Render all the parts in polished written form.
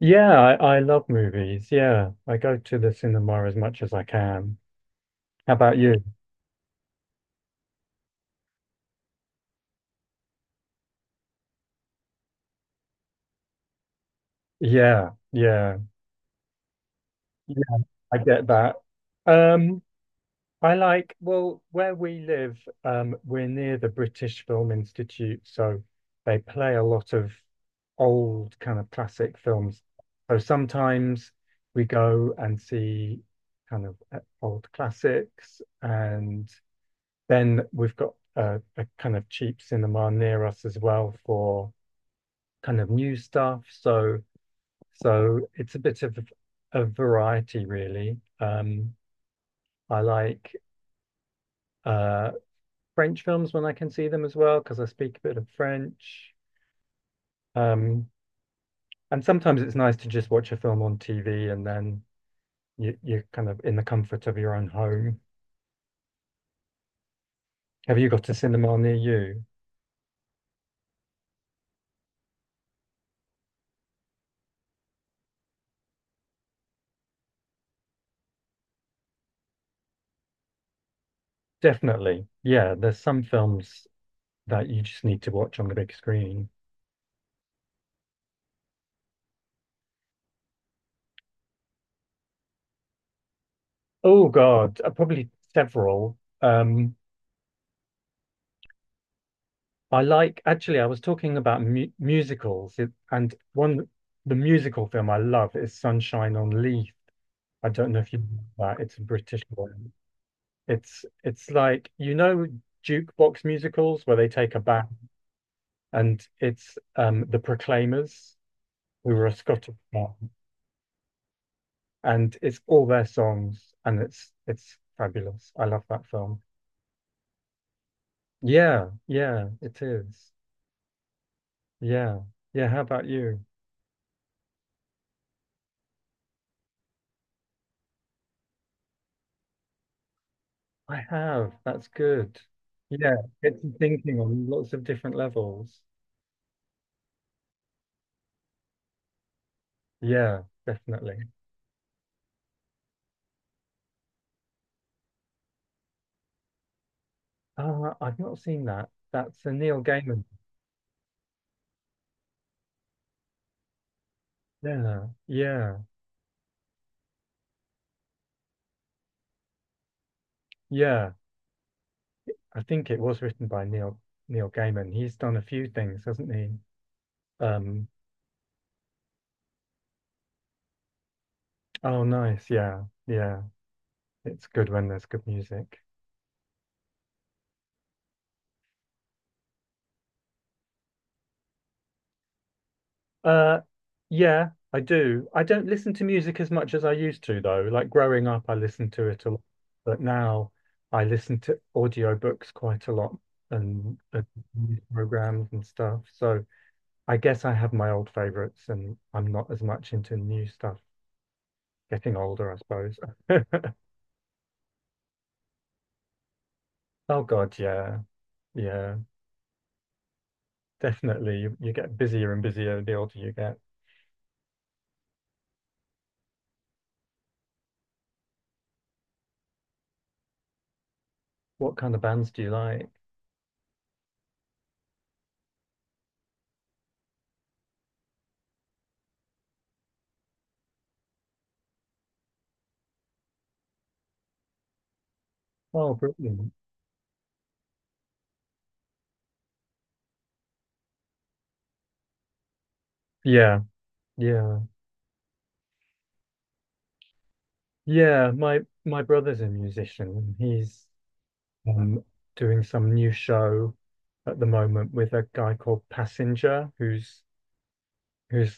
Yeah, I love movies. Yeah, I go to the cinema as much as I can. How about you? Yeah, yeah, yeah, I get that. Um, I like, well, where we live, we're near the British Film Institute, so they play a lot of old kind of classic films. So sometimes we go and see kind of old classics and then we've got a kind of cheap cinema near us as well for kind of new stuff. So it's a bit of a variety really. I like uh, French films when I can see them as well because I speak a bit of French. Um, and sometimes it's nice to just watch a film on TV and then you, you're kind of in the comfort of your own home. Have you got a cinema near you? Definitely. Yeah, there's some films that you just need to watch on the big screen. Oh God, probably several. I like actually. I was talking about mu musicals, and one, the musical film I love is Sunshine on Leith. I don't know if you know that. It's a British one. It's like jukebox musicals where they take a band, and it's the Proclaimers who were a Scottish band, and it's all their songs, and it's fabulous. I love that film. Yeah, yeah, it is. Yeah. Yeah. How about you? I have. That's good. Yeah, gets you thinking on lots of different levels. Yeah, definitely. I've not seen that. That's a Neil Gaiman. Yeah. Yeah. Yeah. I think it was written by Neil Gaiman. He's done a few things, hasn't he? Um, oh, nice. Yeah. Yeah. It's good when there's good music. Uh, yeah, I do. I don't listen to music as much as I used to, though. Like growing up, I listened to it a lot, but now I listen to audiobooks quite a lot and music programs and stuff. So I guess I have my old favorites and I'm not as much into new stuff. Getting older, I suppose. Oh God, yeah. Yeah, definitely. You get busier and busier the older you get. What kind of bands do you like? Oh, brilliant. Yeah, yeah. Yeah, my brother's a musician. He's um, doing some new show at the moment with a guy called Passenger, who's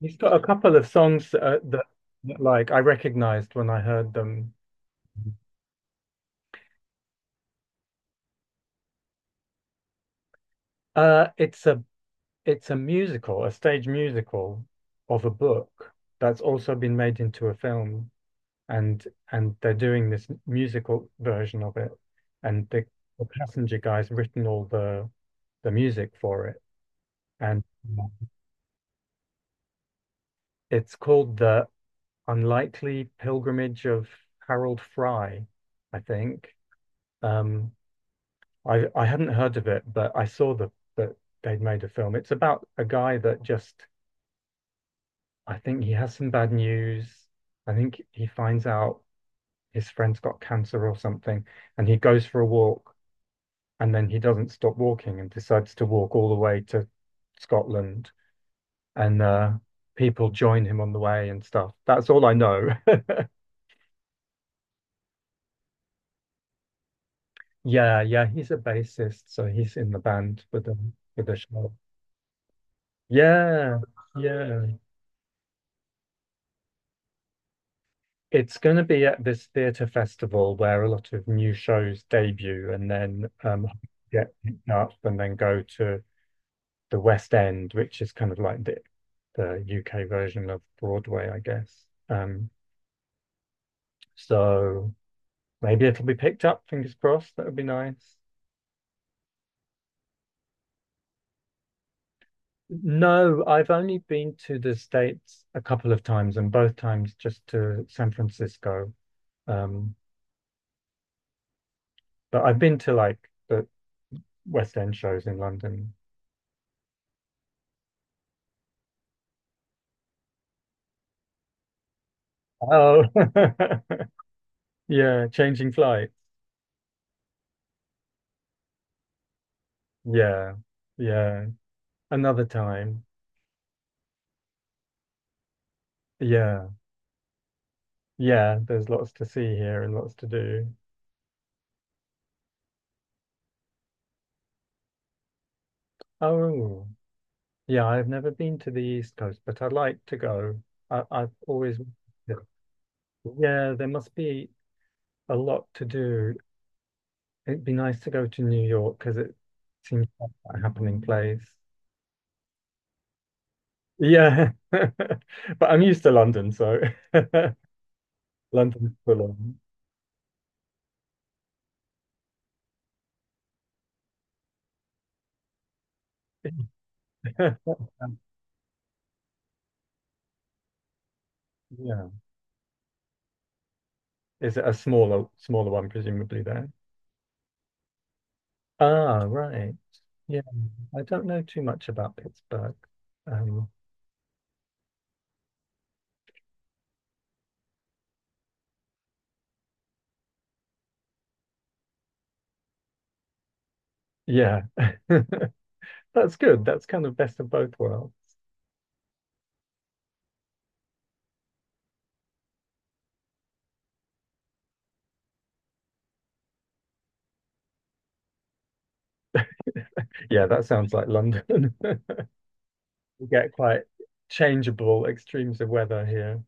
he's got a couple of songs that, that like I recognized when I heard them. Uh, it's a it's a musical, a stage musical of a book that's also been made into a film, and they're doing this musical version of it, and the Passenger guy's written all the music for it and it's called The Unlikely Pilgrimage of Harold Fry, I think. Um, I hadn't heard of it, but I saw the that they'd made a film. It's about a guy that just I think he has some bad news. I think he finds out his friend's got cancer or something, and he goes for a walk, and then he doesn't stop walking and decides to walk all the way to Scotland, and people join him on the way and stuff. That's all I know. Yeah, yeah, he's a bassist, so he's in the band with the show. Yeah, yeah. It's going to be at this theatre festival where a lot of new shows debut and then get picked up and then go to the West End, which is kind of like the UK version of Broadway, I guess. So maybe it'll be picked up, fingers crossed. That would be nice. No, I've only been to the States a couple of times, and both times just to San Francisco. Um, but I've been to like the West End shows in London. Oh, yeah, changing flight. Yeah, yeah. Another time. Yeah, yeah. There's lots to see here and lots to do. Oh, yeah. I've never been to the East Coast, but I'd like to go. I, I've always, yeah. There must be a lot to do. It'd be nice to go to New York because it seems like a happening place. Yeah, but I'm used to London, so London's full on. Yeah, is it a smaller smaller one presumably there? Ah, right. Yeah, I don't know too much about Pittsburgh. Um, yeah, that's good. That's kind of best of both worlds. Yeah, that sounds like London. We get quite changeable extremes of weather here.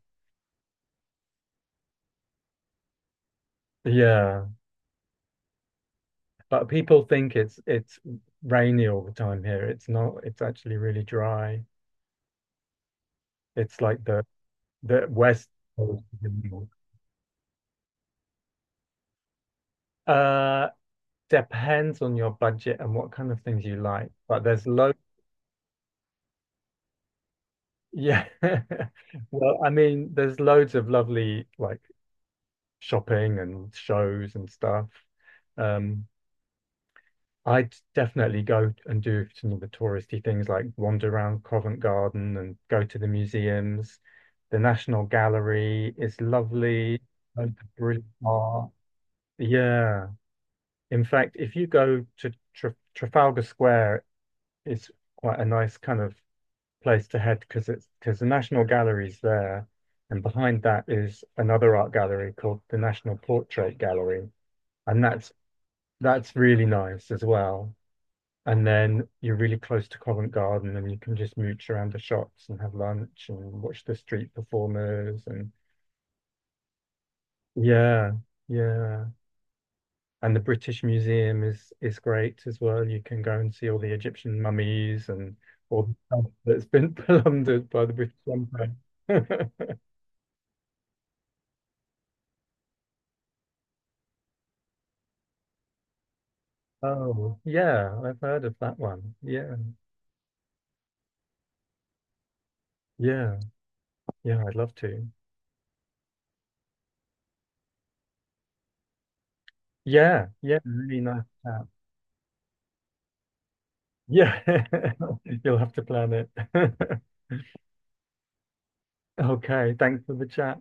Yeah. But people think it's rainy all the time here. It's not. It's actually really dry. It's like the west. Uh, depends on your budget and what kind of things you like. But there's loads. Yeah. Well, I mean, there's loads of lovely like shopping and shows and stuff. Um, I'd definitely go and do some of the touristy things like wander around Covent Garden and go to the museums. The National Gallery is lovely. Loads of brilliant art. Yeah. In fact, if you go to Trafalgar Square, it's quite a nice kind of place to head because it's because the National Gallery's there, and behind that is another art gallery called the National Portrait Gallery, and that's really nice as well. And then you're really close to Covent Garden and you can just mooch around the shops and have lunch and watch the street performers and yeah, yeah. And the British Museum is great as well. You can go and see all the Egyptian mummies and all the stuff that's been plundered by the British Empire. Oh, yeah, I've heard of that one. Yeah, yeah, yeah, I'd love to. Yeah, yeah, really nice chat. Yeah, you'll have to plan it. Okay, thanks for the chat.